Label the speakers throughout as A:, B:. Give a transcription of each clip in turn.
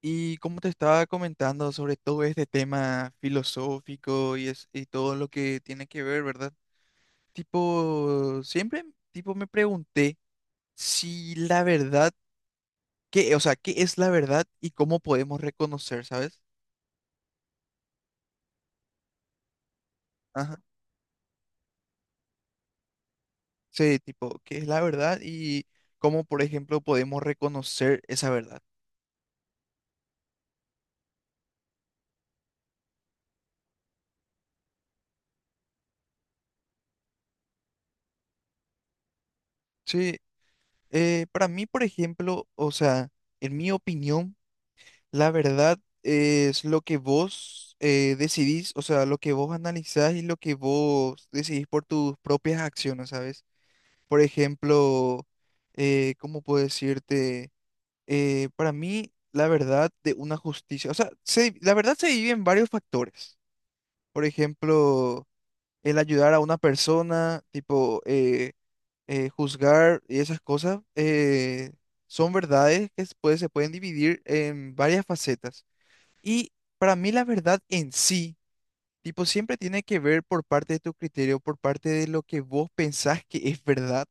A: Y como te estaba comentando sobre todo este tema filosófico y todo lo que tiene que ver, ¿verdad? Tipo, siempre tipo me pregunté si la verdad, o sea, qué es la verdad y cómo podemos reconocer, ¿sabes? Ajá. Sí, tipo, qué es la verdad y cómo, por ejemplo, podemos reconocer esa verdad. Sí, para mí, por ejemplo, o sea, en mi opinión, la verdad es lo que vos decidís, o sea, lo que vos analizás y lo que vos decidís por tus propias acciones, ¿sabes? Por ejemplo, ¿cómo puedo decirte? Para mí, la verdad de una justicia, o sea, la verdad se divide en varios factores. Por ejemplo, el ayudar a una persona, tipo, juzgar y esas cosas, son verdades que se pueden dividir en varias facetas. Y para mí la verdad en sí, tipo, siempre tiene que ver por parte de tu criterio, por parte de lo que vos pensás que es verdad.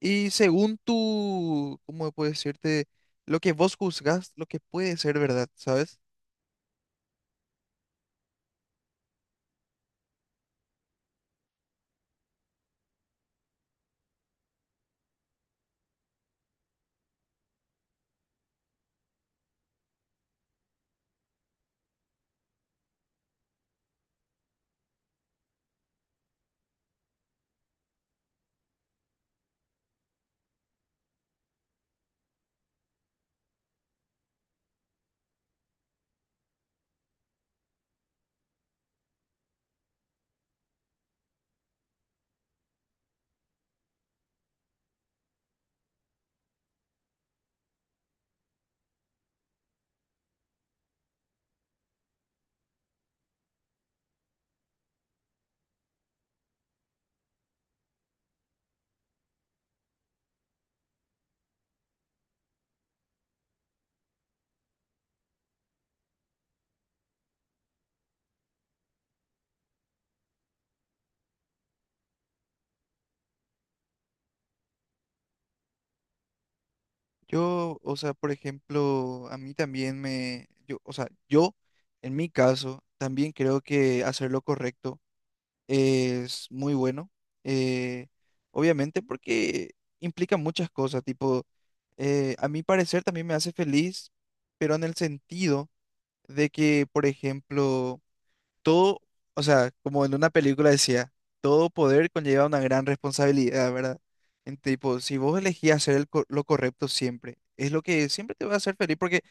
A: Y según tu, ¿cómo puedo decirte? Lo que vos juzgás, lo que puede ser verdad, ¿sabes? Yo, o sea, por ejemplo, a mí también me, yo, en mi caso, también creo que hacer lo correcto es muy bueno, eh, obviamente porque implica muchas cosas, tipo, a mi parecer también me hace feliz, pero en el sentido de que, por ejemplo, todo, o sea, como en una película decía, todo poder conlleva una gran responsabilidad, ¿verdad? En tipo, si vos elegís hacer lo correcto siempre, es lo que siempre te va a hacer feliz, porque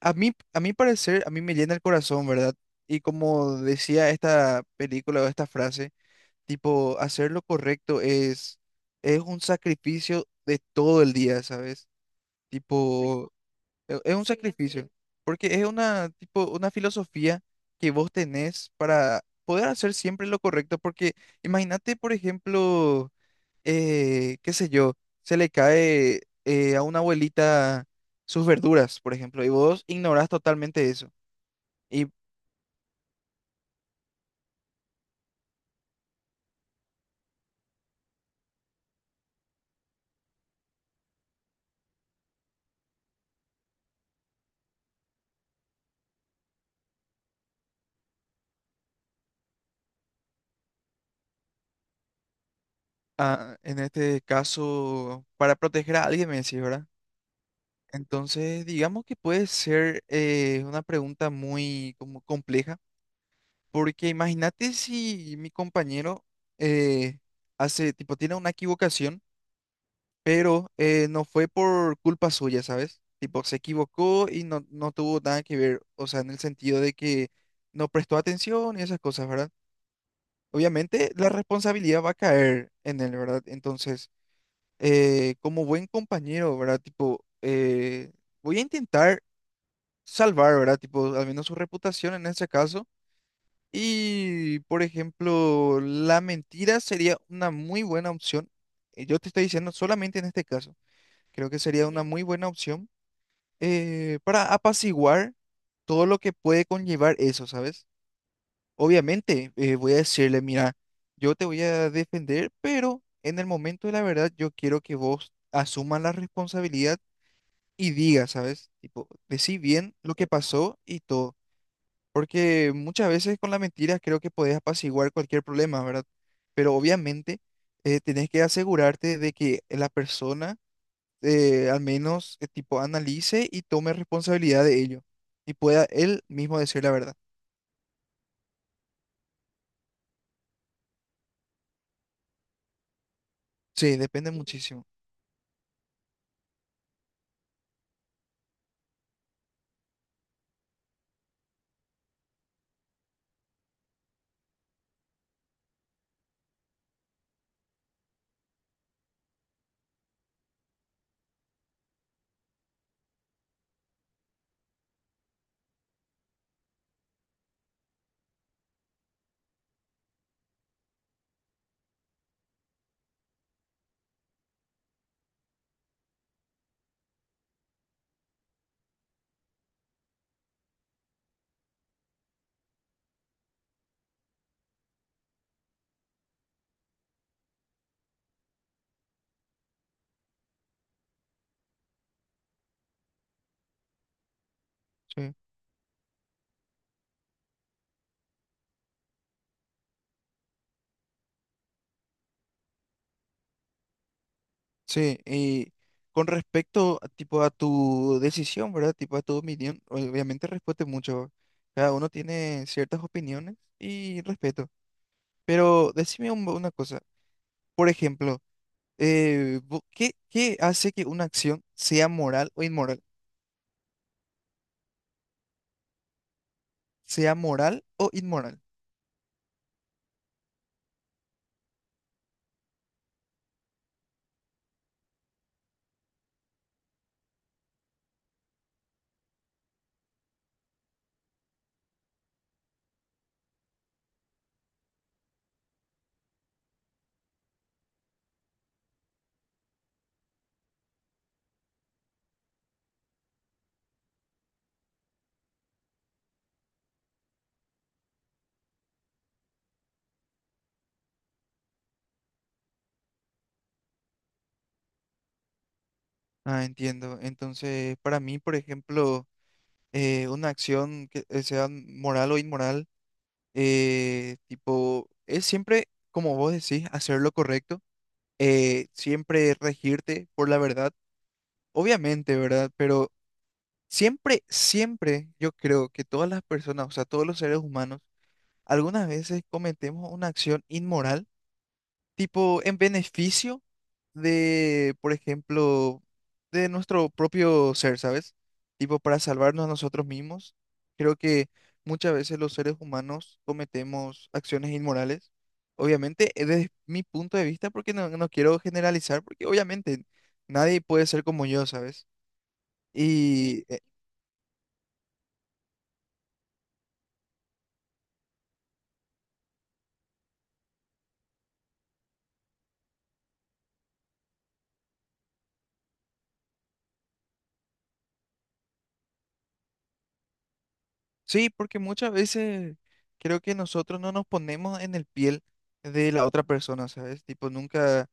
A: a mí, a mi parecer, a mí me llena el corazón, ¿verdad? Y como decía esta película o esta frase, tipo, hacer lo correcto es un sacrificio de todo el día, ¿sabes? Tipo, es un sí, sacrificio, porque es tipo, una filosofía que vos tenés para poder hacer siempre lo correcto, porque imagínate, por ejemplo, qué sé yo, se le cae a una abuelita sus verduras, por ejemplo, y vos ignorás totalmente eso. Y ah, en este caso, para proteger a alguien, me decís, ¿verdad? Entonces, digamos que puede ser una pregunta muy como compleja, porque imagínate si mi compañero eh, tipo, tiene una equivocación, pero no fue por culpa suya, ¿sabes? Tipo, se equivocó y no tuvo nada que ver, o sea, en el sentido de que no prestó atención y esas cosas, ¿verdad? Obviamente la responsabilidad va a caer en él, ¿verdad? Entonces, como buen compañero, ¿verdad? Tipo, voy a intentar salvar, ¿verdad? Tipo, al menos su reputación en ese caso. Y, por ejemplo, la mentira sería una muy buena opción. Yo te estoy diciendo solamente en este caso. Creo que sería una muy buena opción para apaciguar todo lo que puede conllevar eso, ¿sabes? Obviamente, voy a decirle, mira, yo te voy a defender, pero en el momento de la verdad yo quiero que vos asumas la responsabilidad y digas, ¿sabes? Tipo, decí bien lo que pasó y todo. Porque muchas veces con las mentiras creo que podés apaciguar cualquier problema, ¿verdad? Pero obviamente tenés que asegurarte de que la persona al menos tipo analice y tome responsabilidad de ello y pueda él mismo decir la verdad. Sí, depende muchísimo. Sí. Sí, y con respecto a, tipo a tu decisión, ¿verdad? Tipo a tu opinión, obviamente respeto mucho. Cada uno tiene ciertas opiniones y respeto. Pero decime una cosa. Por ejemplo, ¿qué hace que una acción sea moral o inmoral? Sea moral o inmoral. Ah, entiendo. Entonces, para mí, por ejemplo, una acción que sea moral o inmoral, tipo, es siempre, como vos decís, hacer lo correcto, siempre regirte por la verdad, obviamente, ¿verdad? Pero siempre, siempre, yo creo que todas las personas, o sea, todos los seres humanos, algunas veces cometemos una acción inmoral tipo en beneficio de, por ejemplo, de nuestro propio ser, ¿sabes? Tipo para salvarnos a nosotros mismos. Creo que muchas veces los seres humanos cometemos acciones inmorales. Obviamente, desde mi punto de vista, porque no quiero generalizar, porque obviamente nadie puede ser como yo, ¿sabes? Y sí, porque muchas veces creo que nosotros no nos ponemos en el piel de la otra persona, ¿sabes? Tipo, nunca,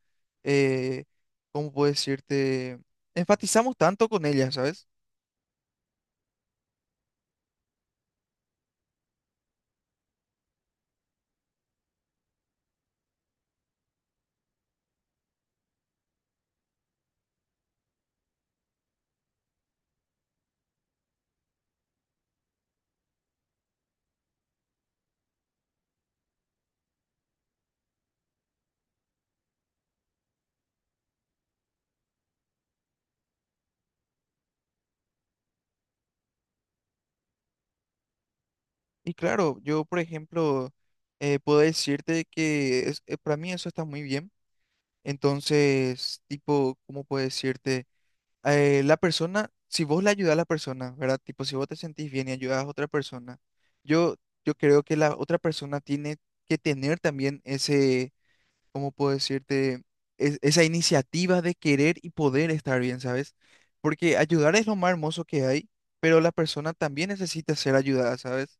A: eh, ¿cómo puedo decirte? Enfatizamos tanto con ella, ¿sabes? Y claro, yo, por ejemplo, puedo decirte que para mí eso está muy bien. Entonces, tipo, ¿cómo puedo decirte? La persona, si vos le ayudas a la persona, ¿verdad? Tipo, si vos te sentís bien y ayudas a otra persona, yo, yo creo que la otra persona tiene que tener también ese, ¿cómo puedo decirte? Esa iniciativa de querer y poder estar bien, ¿sabes? Porque ayudar es lo más hermoso que hay, pero la persona también necesita ser ayudada, ¿sabes?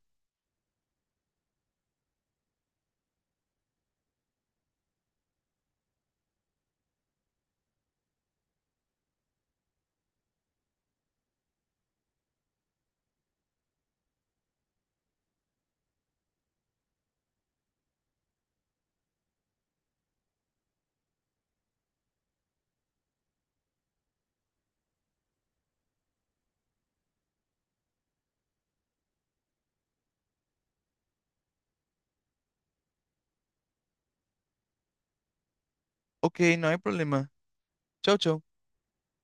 A: Ok, no hay problema. Chau, chau.